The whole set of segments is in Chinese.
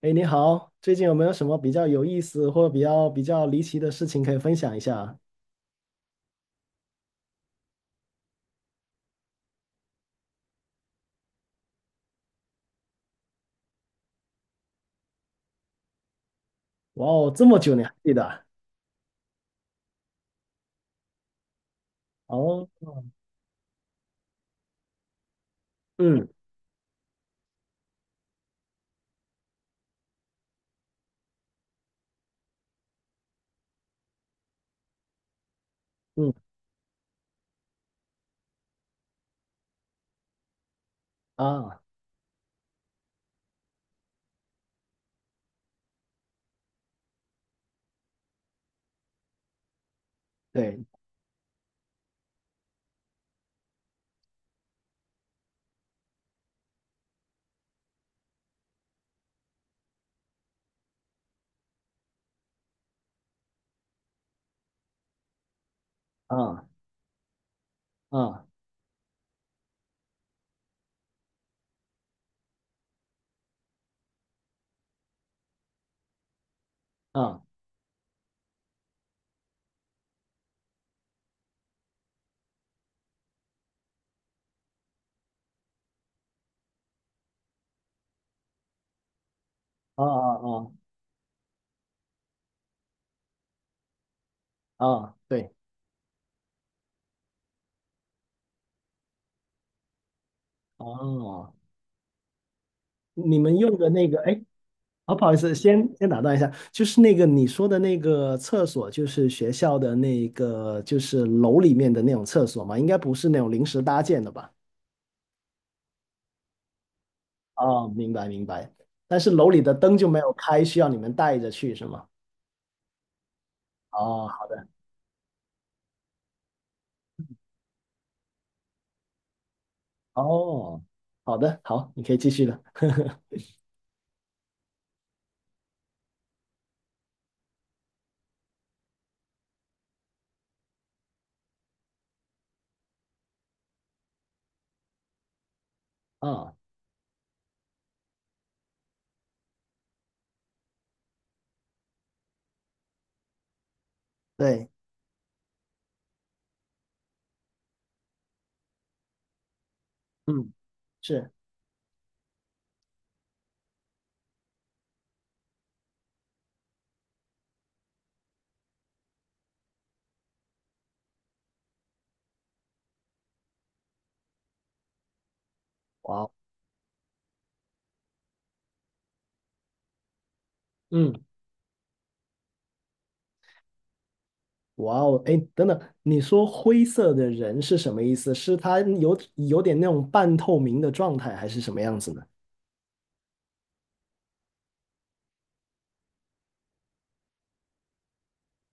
哎，你好，最近有没有什么比较有意思或者比较离奇的事情可以分享一下？哇哦，这么久你还记得啊。哦。嗯嗯。啊，对。啊啊啊啊啊啊啊，对。哦，你们用的那个，哎，好，不好意思，先打断一下，就是那个你说的那个厕所，就是学校的那个，就是楼里面的那种厕所嘛，应该不是那种临时搭建的吧？哦，明白明白。但是楼里的灯就没有开，需要你们带着去是吗？哦，好哦，好的，好，你可以继续了。啊、对，嗯，是，哇哦，嗯，哇哦，哎，等等，你说灰色的人是什么意思？是他有点那种半透明的状态，还是什么样子呢？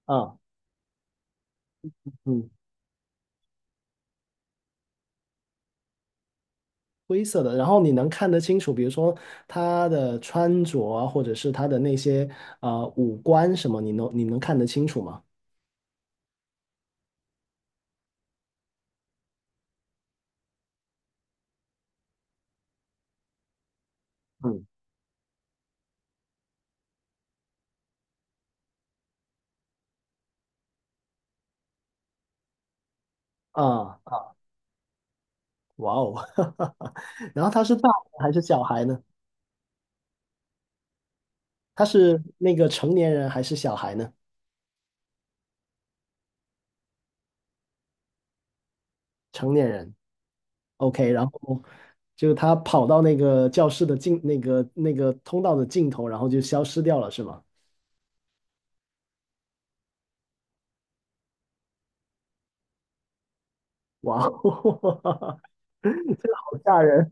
啊，嗯，灰色的，然后你能看得清楚，比如说他的穿着啊，或者是他的那些呃五官什么，你能看得清楚吗？嗯。啊啊。哇哦，然后他是大人还是小孩呢？他是那个成年人还是小孩呢？成年人，OK。然后就他跑到那个教室的尽那个那个通道的尽头，然后就消失掉了，是吗？哇哦，好吓人！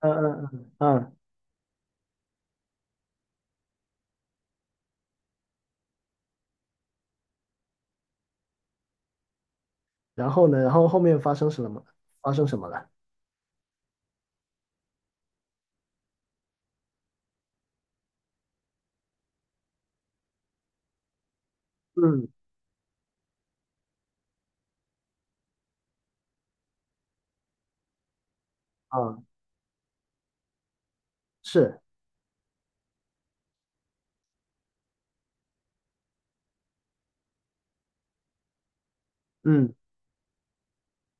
嗯嗯嗯嗯。然后呢？然后后面发生什么？发生什么了？嗯。啊，是。嗯。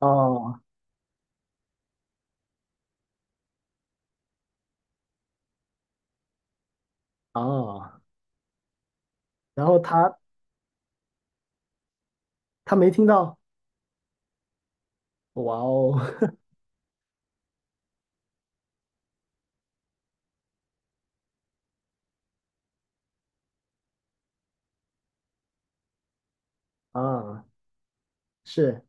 哦哦。然后他没听到。哇哦 啊，是。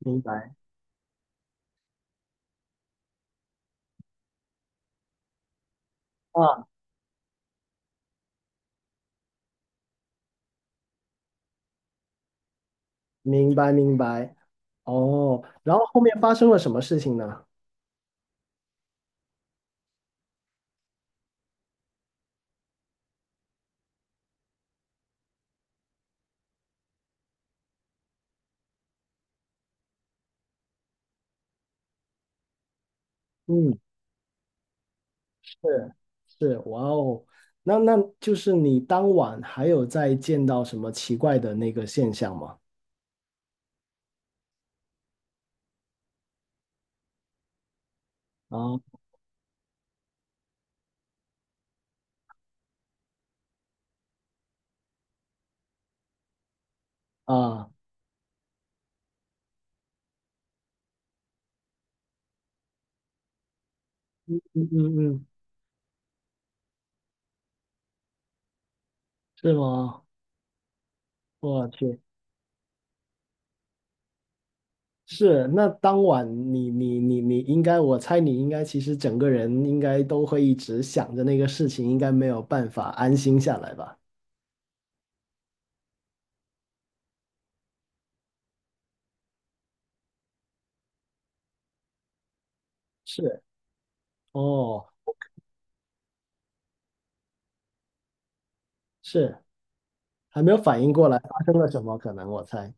明白。啊。明白明白。哦，然后后面发生了什么事情呢？嗯，是是，哇哦，那那就是你当晚还有再见到什么奇怪的那个现象吗？啊啊，嗯嗯嗯，是吗？我去，是，那当晚你应该，我猜你应该其实整个人应该都会一直想着那个事情，应该没有办法安心下来吧？是，哦，是，还没有反应过来发生了什么，可能我猜。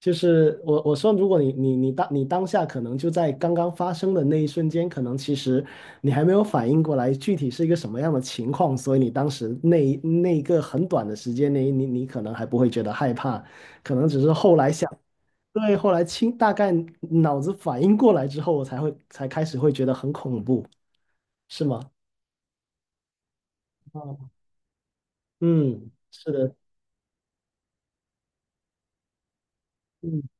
就是我说，如果你当你当下可能就在刚刚发生的那一瞬间，可能其实你还没有反应过来具体是一个什么样的情况，所以你当时那一个很短的时间内，你可能还不会觉得害怕，可能只是后来想，对，后来清大概脑子反应过来之后，我才开始会觉得很恐怖，是吗？嗯，嗯是的，嗯。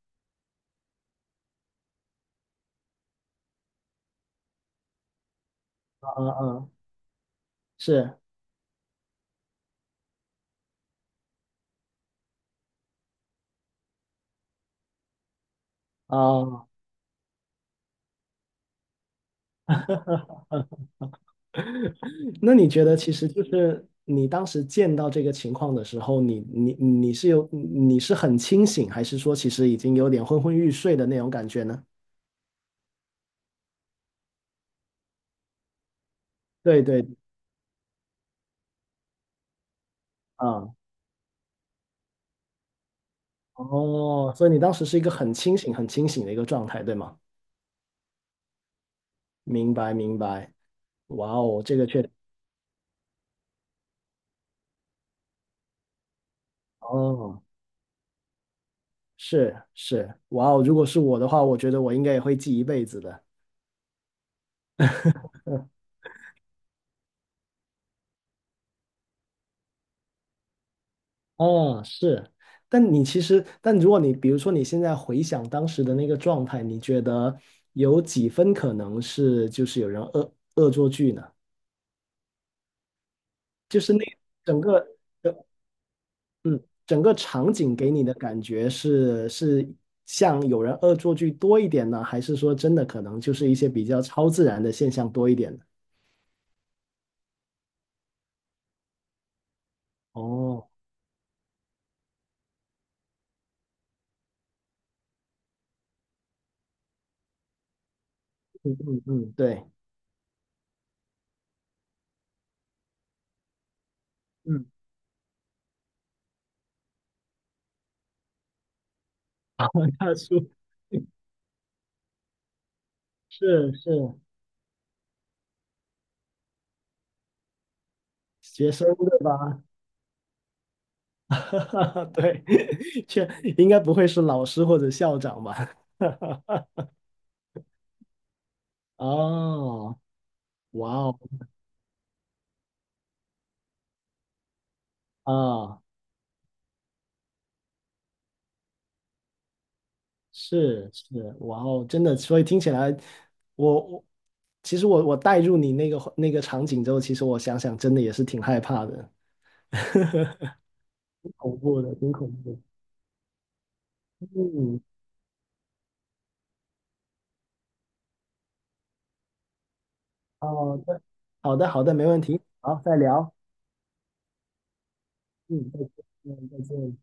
啊啊啊，是啊。那你觉得，其实就是你当时见到这个情况的时候，你是有你是很清醒，还是说其实已经有点昏昏欲睡的那种感觉呢？对对。啊，哦，所以你当时是一个很清醒、很清醒的一个状态，对吗？明白明白，哇哦，这个确实，哦，是是，哇哦，如果是我的话，我觉得我应该也会记一辈子的。哦，是，但你其实，但如果你比如说你现在回想当时的那个状态，你觉得有几分可能是就是有人恶作剧呢？就是那整个的，嗯，整个场景给你的感觉是是像有人恶作剧多一点呢，还是说真的可能就是一些比较超自然的现象多一点呢？哦，嗯嗯，对，嗯，大叔是是学生对吧？对，确应该不会是老师或者校长吧？哦，哇哦，啊，是是，哇哦，真的，所以听起来，我其实我带入你那个那个场景之后，其实我想想，真的也是挺害怕的，恐怖的，挺恐怖的。嗯，好的，好的，好的，没问题，好，再聊，嗯，再见，嗯，再见。